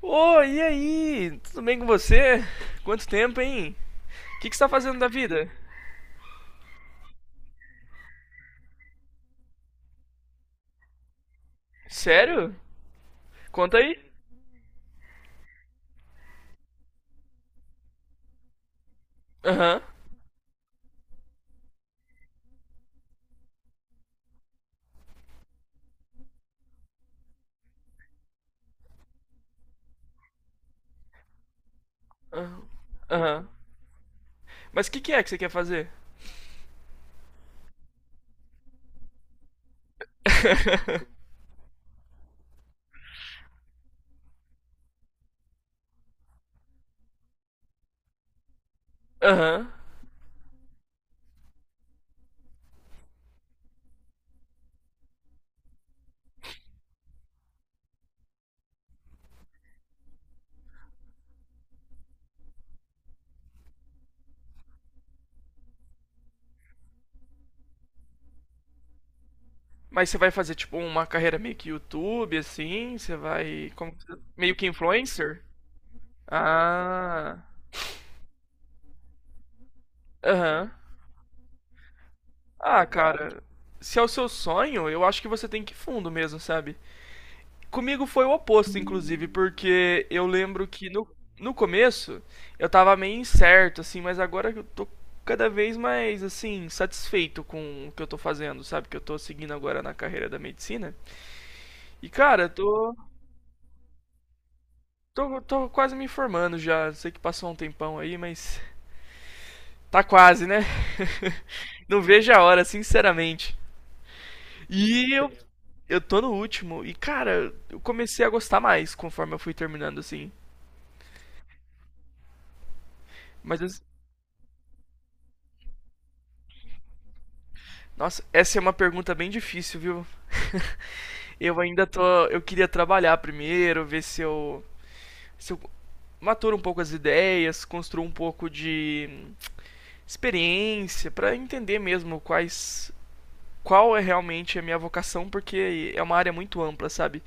Ô, e aí? Tudo bem com você? Quanto tempo, hein? O que você tá fazendo da vida? Sério? Conta aí. Aham. Aham. Aham. Mas o que é que você quer fazer? Aham. Mas você vai fazer, tipo, uma carreira meio que YouTube, assim? Você vai. Meio que influencer? Ah. Aham. Ah, cara. Se é o seu sonho, eu acho que você tem que ir fundo mesmo, sabe? Comigo foi o oposto, inclusive, porque eu lembro que no começo eu tava meio incerto, assim, mas agora eu tô cada vez mais, assim, satisfeito com o que eu tô fazendo, sabe? Que eu tô seguindo agora na carreira da medicina. E, cara, eu tô quase me formando já. Sei que passou um tempão aí, mas tá quase, né? Não vejo a hora, sinceramente. E eu tô no último. E, cara, eu comecei a gostar mais conforme eu fui terminando, assim. Mas Nossa, essa é uma pergunta bem difícil, viu? Eu ainda tô. Eu queria trabalhar primeiro, ver se eu maturo um pouco as ideias, construo um pouco de experiência pra entender mesmo quais. Qual é realmente a minha vocação, porque é uma área muito ampla, sabe?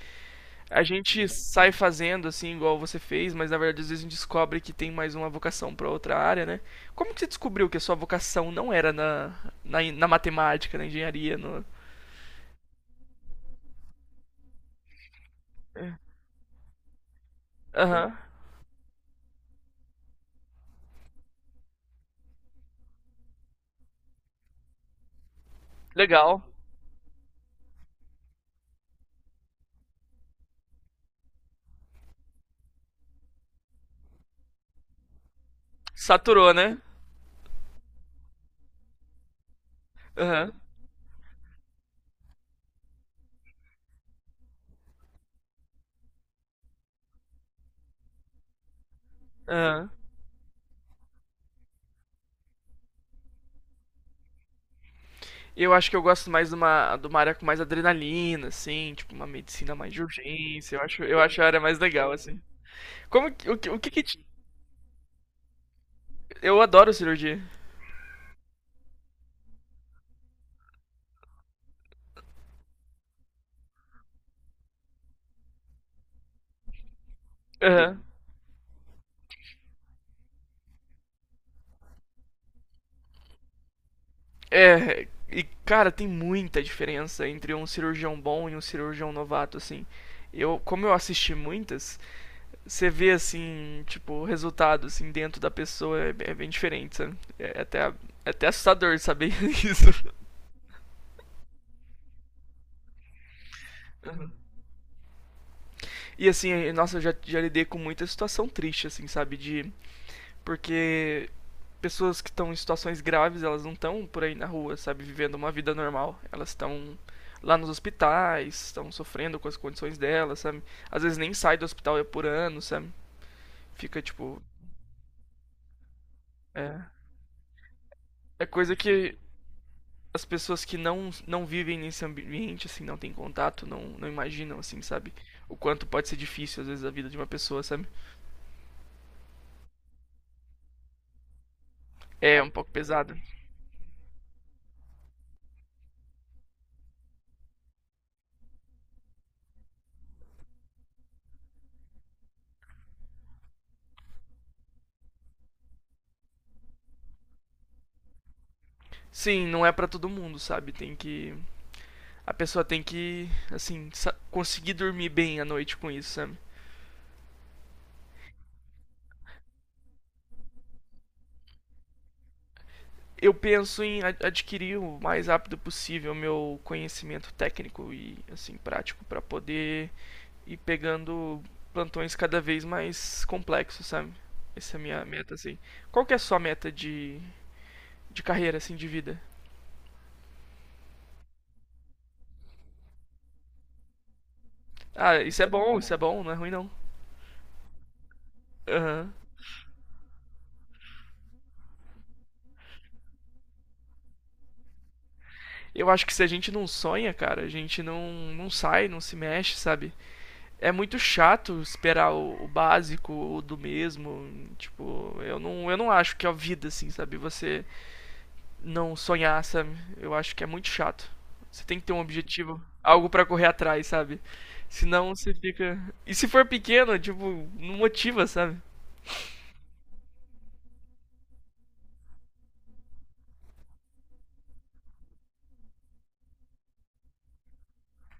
A gente sai fazendo assim, igual você fez, mas na verdade às vezes a gente descobre que tem mais uma vocação pra outra área, né? Como que você descobriu que a sua vocação não era na matemática, na engenharia? No... Aham, legal. Saturou, né? Aham. Aham. Eu acho que eu gosto mais de uma área com mais adrenalina, assim, tipo uma medicina mais de urgência. Eu acho a área mais legal, assim. Como que, o que, o que que te- Eu adoro cirurgia. Aham. É, e cara, tem muita diferença entre um cirurgião bom e um cirurgião novato, assim. Eu, como eu assisti muitas, você vê assim, tipo, o resultado assim dentro da pessoa é bem diferente, sabe? É até assustador saber isso. E assim, nossa, eu já lidei com muita situação triste, assim, sabe? De. Porque pessoas que estão em situações graves, elas não estão por aí na rua, sabe? Vivendo uma vida normal. Elas estão lá nos hospitais, estão sofrendo com as condições delas, sabe? Às vezes nem sai do hospital é por ano, sabe? Fica tipo. É, é coisa que as pessoas que não vivem nesse ambiente, assim, não têm contato, não imaginam, assim, sabe? O quanto pode ser difícil, às vezes, a vida de uma pessoa, sabe? É um pouco pesado. Sim, não é pra todo mundo, sabe? Tem que. A pessoa tem que, assim, conseguir dormir bem à noite com isso, sabe? Eu penso em adquirir o mais rápido possível meu conhecimento técnico e, assim, prático pra poder ir pegando plantões cada vez mais complexos, sabe? Essa é a minha meta, assim. Qual que é a sua meta de carreira, assim, de vida? Ah, isso é bom, não é ruim não. Aham. Eu acho que se a gente não sonha, cara, a gente não sai, não se mexe, sabe? É muito chato esperar o básico, o do mesmo. Tipo, eu não acho que é a vida, assim, sabe? Você não sonhar, sabe? Eu acho que é muito chato. Você tem que ter um objetivo, algo pra correr atrás, sabe? Senão você fica. E se for pequeno, tipo, não motiva, sabe?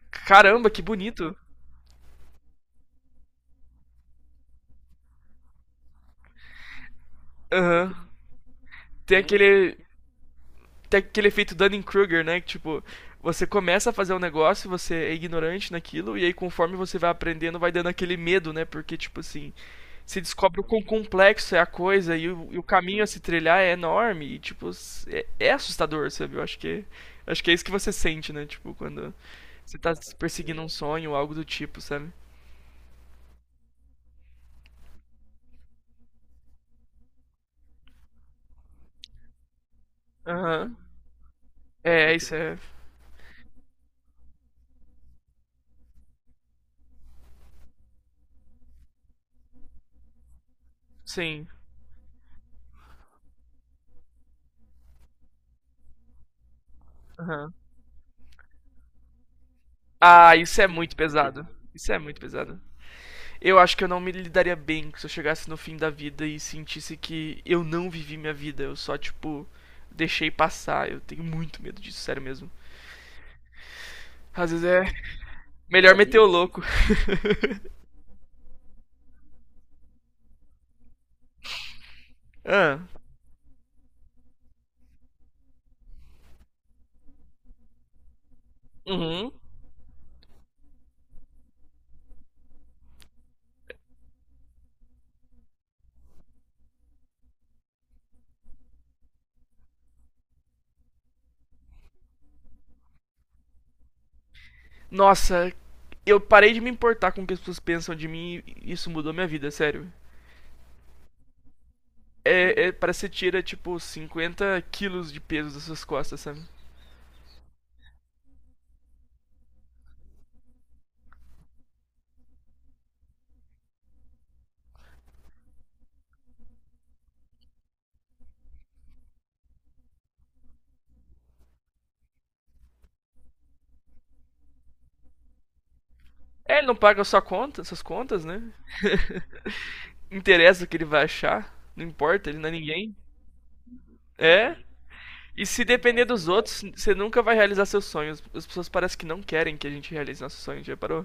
Caramba, que bonito. Aham. Tem aquele tem aquele efeito Dunning-Kruger, né? Que, tipo, você começa a fazer um negócio, você é ignorante naquilo, e aí conforme você vai aprendendo, vai dando aquele medo, né? Porque, tipo assim, se descobre o quão complexo é a coisa e o caminho a se trilhar é enorme. E, tipo, é assustador, sabe? Eu acho que é isso que você sente, né? Tipo, quando você tá perseguindo um sonho ou algo do tipo, sabe? Aham. É, isso é. Sim. Aham. Ah, isso é muito pesado. Isso é muito pesado. Eu acho que eu não me lidaria bem se eu chegasse no fim da vida e sentisse que eu não vivi minha vida, eu só, tipo, deixei passar. Eu tenho muito medo disso, sério mesmo. Às vezes é melhor meter o louco. Ah, Uhum. Nossa, eu parei de me importar com o que as pessoas pensam de mim e isso mudou minha vida, sério. É, parece que você tira, tipo, 50 quilos de peso das suas costas, sabe? É, ele não paga a sua conta, suas contas, né? Interessa o que ele vai achar, não importa, ele não é ninguém. É. E se depender dos outros, você nunca vai realizar seus sonhos. As pessoas parecem que não querem que a gente realize nossos sonhos, já parou?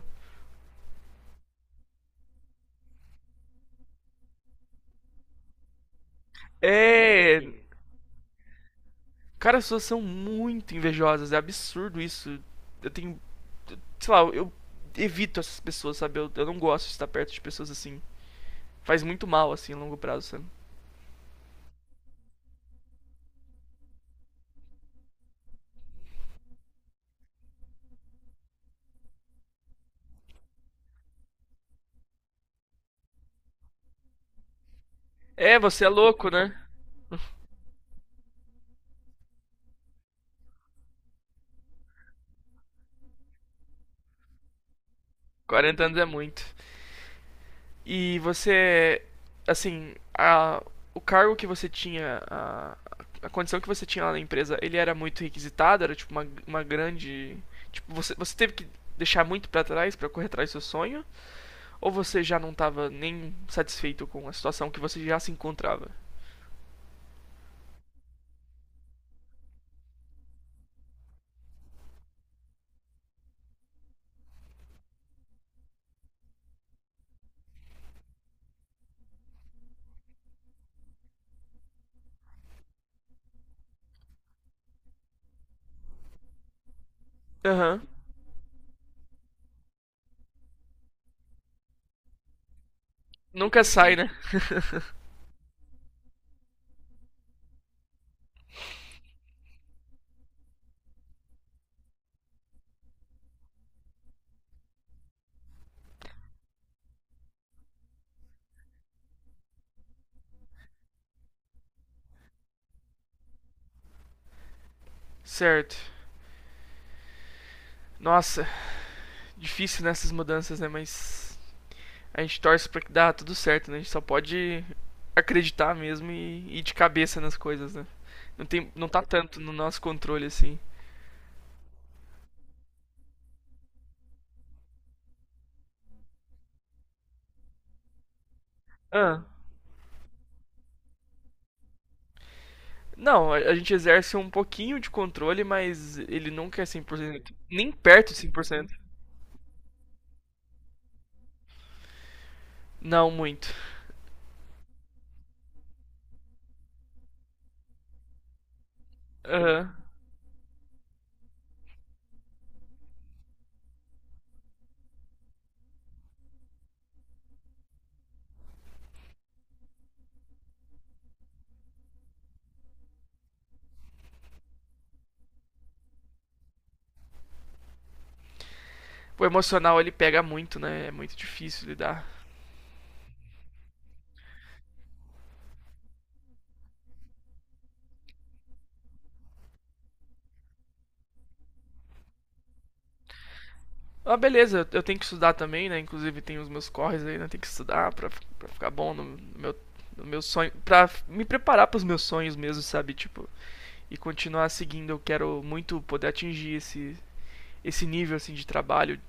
É. Cara, as pessoas são muito invejosas, é absurdo isso. Eu tenho. Sei lá, eu, evito essas pessoas, sabe? eu não gosto de estar perto de pessoas assim. Faz muito mal, assim, a longo prazo, sabe? É, você é louco, né? 40 anos é muito. E você. Assim, o cargo que você tinha, a condição que você tinha lá na empresa, ele era muito requisitado, era tipo uma grande. Tipo, você teve que deixar muito para trás para correr atrás do seu sonho? Ou você já não tava nem satisfeito com a situação que você já se encontrava? Aham. Uhum. Nunca sai, né? Certo. Nossa, difícil nessas mudanças, né? Mas a gente torce pra que dá tudo certo, né? A gente só pode acreditar mesmo e ir de cabeça nas coisas, né? Não, não tá tanto no nosso controle assim. Ah, não, a gente exerce um pouquinho de controle, mas ele nunca é 100%. Nem perto de 100%. Não, muito. Aham. O emocional ele pega muito, né? É muito difícil lidar. Ah, beleza, tenho que estudar também, né? Inclusive tem os meus corres aí, né? Tem que estudar pra ficar bom no meu sonho. Pra me preparar pros meus sonhos mesmo, sabe? Tipo, e continuar seguindo. Eu quero muito poder atingir esse nível assim de trabalho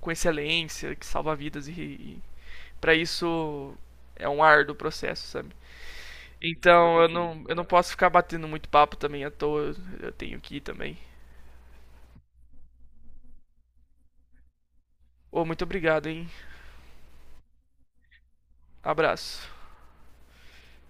com excelência que salva vidas e para isso é um árduo processo, sabe? Então eu não posso ficar batendo muito papo também à toa, eu tenho que ir também. Ô, oh, muito obrigado, hein? Abraço.